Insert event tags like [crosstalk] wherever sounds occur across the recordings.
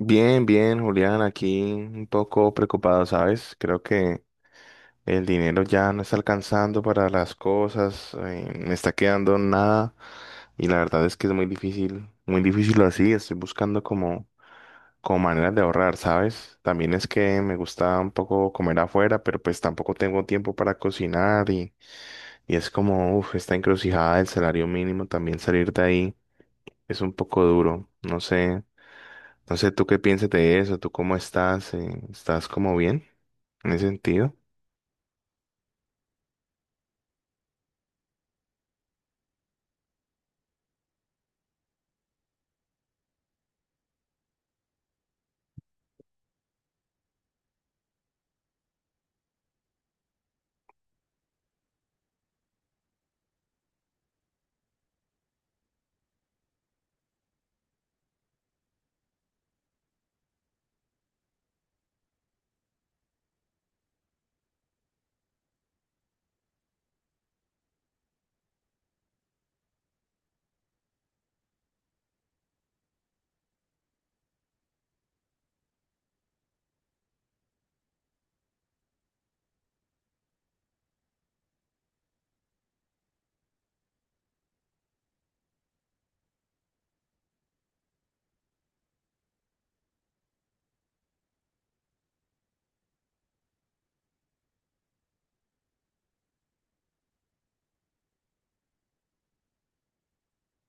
Bien, bien, Julián, aquí un poco preocupado, ¿sabes? Creo que el dinero ya no está alcanzando para las cosas, me está quedando nada y la verdad es que es muy difícil así, estoy buscando como maneras de ahorrar, ¿sabes? También es que me gusta un poco comer afuera, pero pues tampoco tengo tiempo para cocinar y es como, uff, esta encrucijada del salario mínimo, también salir de ahí es un poco duro, no sé, no sé, ¿tú qué piensas de eso? ¿Tú cómo estás? ¿Estás como bien en ese sentido?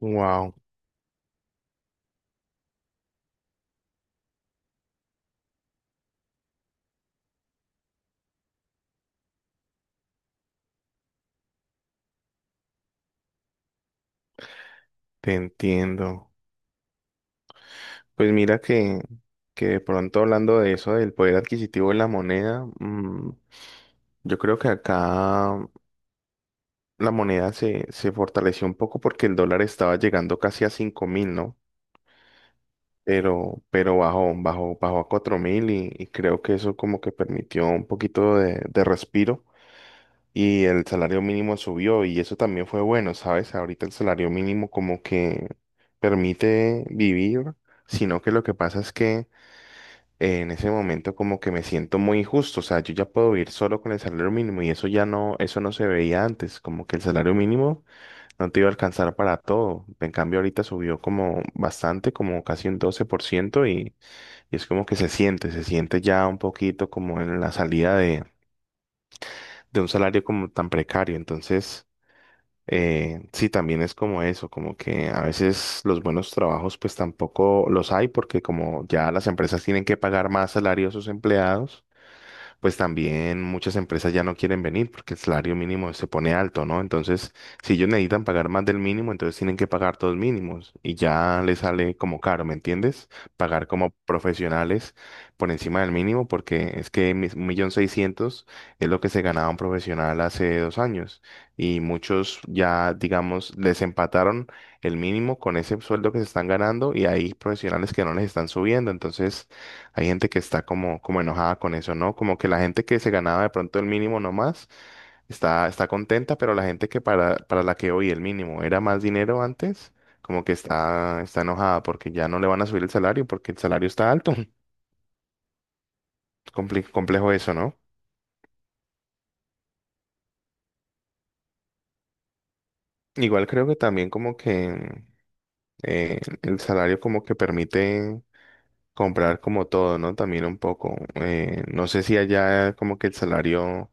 Wow, te entiendo. Pues mira que de pronto hablando de eso, del poder adquisitivo de la moneda, yo creo que acá la moneda se fortaleció un poco porque el dólar estaba llegando casi a 5.000, ¿no? Pero bajó, bajó, bajó a 4.000 y creo que eso como que permitió un poquito de respiro y el salario mínimo subió y eso también fue bueno, ¿sabes? Ahorita el salario mínimo como que permite vivir, sino que lo que pasa es que en ese momento como que me siento muy injusto, o sea, yo ya puedo vivir solo con el salario mínimo y eso ya no, eso no se veía antes, como que el salario mínimo no te iba a alcanzar para todo, en cambio ahorita subió como bastante, como casi un 12% y es como que se siente ya un poquito como en la salida de un salario como tan precario, entonces. Sí, también es como eso, como que a veces los buenos trabajos pues tampoco los hay porque como ya las empresas tienen que pagar más salario a sus empleados pues también muchas empresas ya no quieren venir porque el salario mínimo se pone alto, ¿no? Entonces, si ellos necesitan pagar más del mínimo, entonces tienen que pagar todos mínimos y ya les sale como caro, ¿me entiendes? Pagar como profesionales por encima del mínimo porque es que 1.600.000 es lo que se ganaba un profesional hace 2 años y muchos ya, digamos, les empataron el mínimo con ese sueldo que se están ganando y hay profesionales que no les están subiendo, entonces hay gente que está como, como enojada con eso, ¿no? Como que la gente que se ganaba de pronto el mínimo nomás está contenta, pero la gente que para la que hoy el mínimo era más dinero antes, como que está enojada porque ya no le van a subir el salario porque el salario está alto. [laughs] Complejo eso, ¿no? Igual creo que también como que el salario como que permite comprar como todo, ¿no? También un poco. No sé si allá como que el salario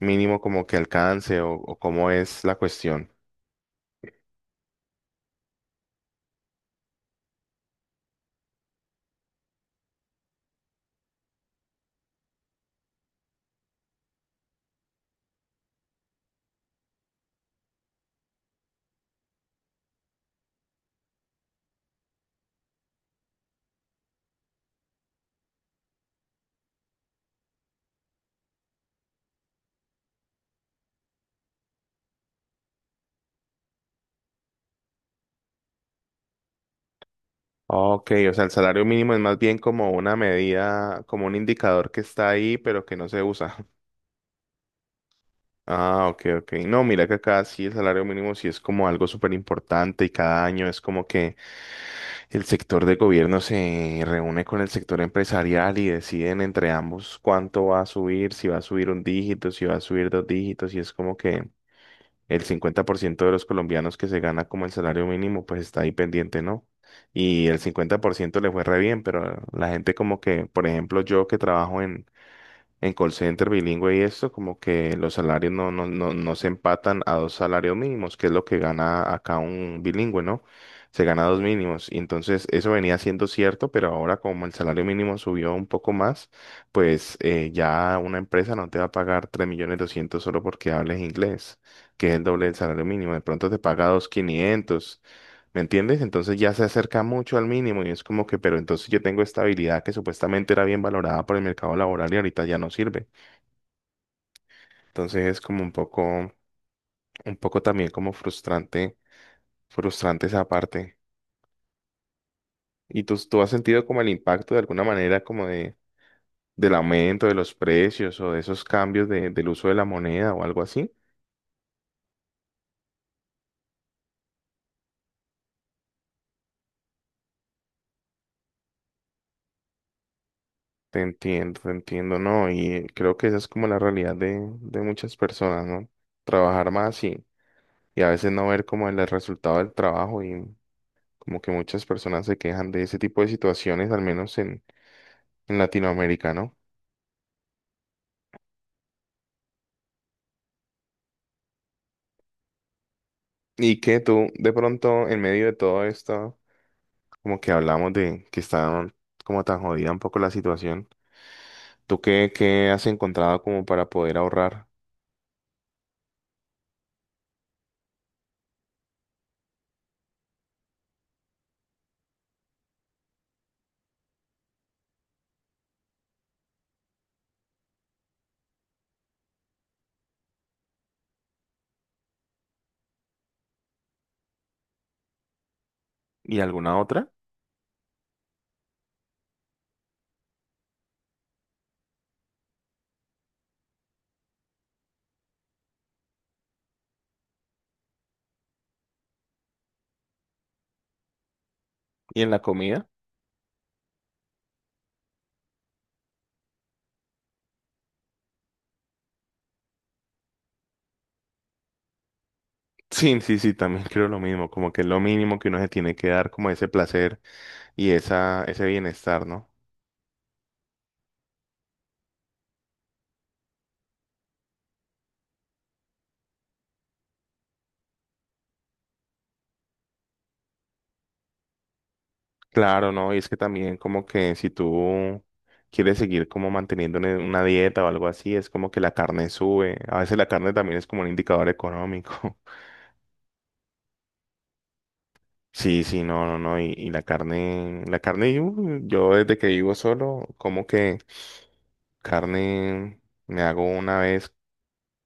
mínimo como que alcance o cómo es la cuestión. Ok, o sea, el salario mínimo es más bien como una medida, como un indicador que está ahí, pero que no se usa. [laughs] Ah, ok, ok. No, mira que acá sí el salario mínimo sí es como algo súper importante y cada año es como que el sector de gobierno se reúne con el sector empresarial y deciden entre ambos cuánto va a subir, si va a subir un dígito, si va a subir dos dígitos y es como que. El 50% de los colombianos que se gana como el salario mínimo, pues está ahí pendiente, ¿no? Y el 50% le fue re bien, pero la gente como que, por ejemplo, yo que trabajo en call center bilingüe y esto, como que los salarios no, no, no, no se empatan a dos salarios mínimos, que es lo que gana acá un bilingüe, ¿no? Se gana dos mínimos. Y entonces eso venía siendo cierto, pero ahora como el salario mínimo subió un poco más, pues ya una empresa no te va a pagar 3.200.000 solo porque hables inglés, que es el doble del salario mínimo. De pronto te paga 2.500. ¿Me entiendes? Entonces ya se acerca mucho al mínimo y es como que, pero entonces yo tengo esta habilidad que supuestamente era bien valorada por el mercado laboral y ahorita ya no sirve. Entonces es como un poco también como frustrante, frustrante esa parte. ¿Y tú has sentido como el impacto de alguna manera como del aumento de los precios o de esos cambios del uso de la moneda o algo así? Te entiendo, ¿no? Y creo que esa es como la realidad de muchas personas, ¿no? Trabajar más, y a veces no ver como el resultado del trabajo y como que muchas personas se quejan de ese tipo de situaciones, al menos en Latinoamérica, ¿no? Y que tú de pronto en medio de todo esto, como que hablamos de que está como tan jodida un poco la situación, ¿tú qué has encontrado como para poder ahorrar? ¿Y alguna otra? ¿Y en la comida? [laughs] Sí, sí, sí, también creo lo mismo, como que es lo mínimo que uno se tiene que dar como ese placer y esa, ese bienestar, ¿no? Claro, ¿no? Y es que también como que si tú quieres seguir como manteniendo una dieta o algo así, es como que la carne sube. A veces la carne también es como un indicador económico. [laughs] Sí, sí, no, no, no. Y la carne, yo desde que vivo solo, como que carne me hago una vez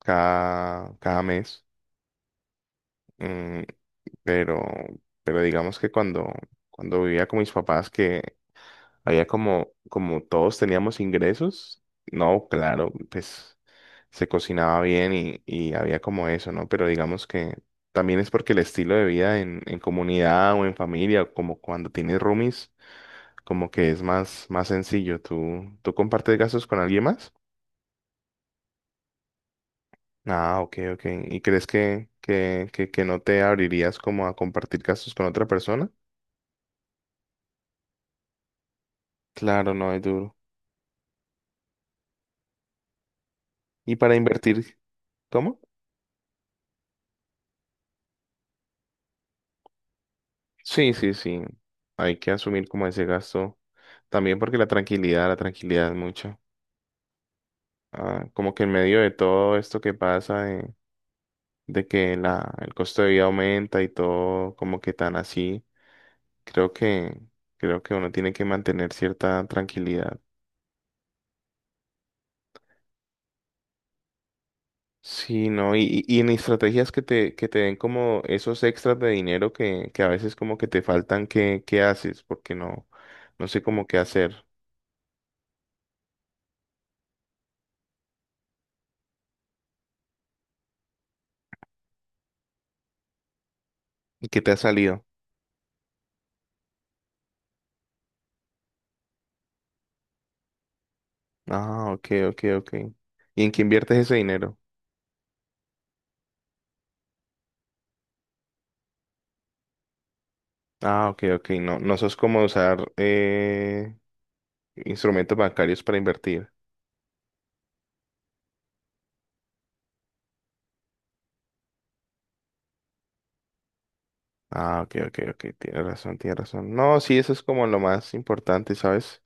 cada mes. mm, pero, digamos que cuando vivía con mis papás, que había como, como todos teníamos ingresos, no, claro, pues se cocinaba bien y había como eso, ¿no? Pero digamos que también es porque el estilo de vida en comunidad o en familia, o como cuando tienes roomies, como que es más, más sencillo. Tú compartes gastos con alguien más? Ah, ok, ok. ¿Y crees que no te abrirías como a compartir gastos con otra persona? Claro, no es duro. ¿Y para invertir? ¿Cómo? Sí, sí, sí. Hay que asumir como ese gasto. También porque la tranquilidad es mucho. Ah, como que en medio de todo esto que pasa, de que el costo de vida aumenta y todo como que tan así, creo creo que uno tiene que mantener cierta tranquilidad. Sí, ¿no? Y en estrategias que te den como esos extras de dinero que a veces como que te faltan, qué haces? Porque no, no sé cómo qué hacer. ¿Y qué te ha salido? Ah, ok, ok, ok. ¿Y en qué inviertes ese dinero? Ah, ok, ok. No, no sos como usar instrumentos bancarios para invertir. Ah, ok, ok, ok. Tienes razón, tienes razón. No, sí, eso es como lo más importante, ¿sabes?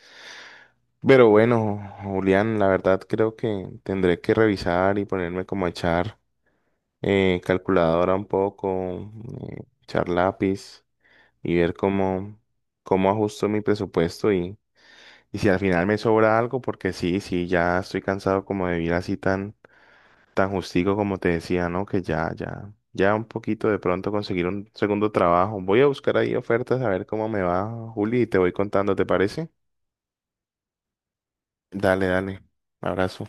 Pero bueno, Julián, la verdad creo que tendré que revisar y ponerme como a echar calculadora un poco, echar lápiz y ver cómo, cómo ajusto mi presupuesto. Y si al final me sobra algo, porque sí, sí, ya estoy cansado como de vivir así tan, tan justico como te decía, ¿no? Que ya, ya, ya un poquito de pronto conseguir un segundo trabajo. Voy a buscar ahí ofertas a ver cómo me va, Juli, y te voy contando, ¿te parece? Dale, dale. Abrazo.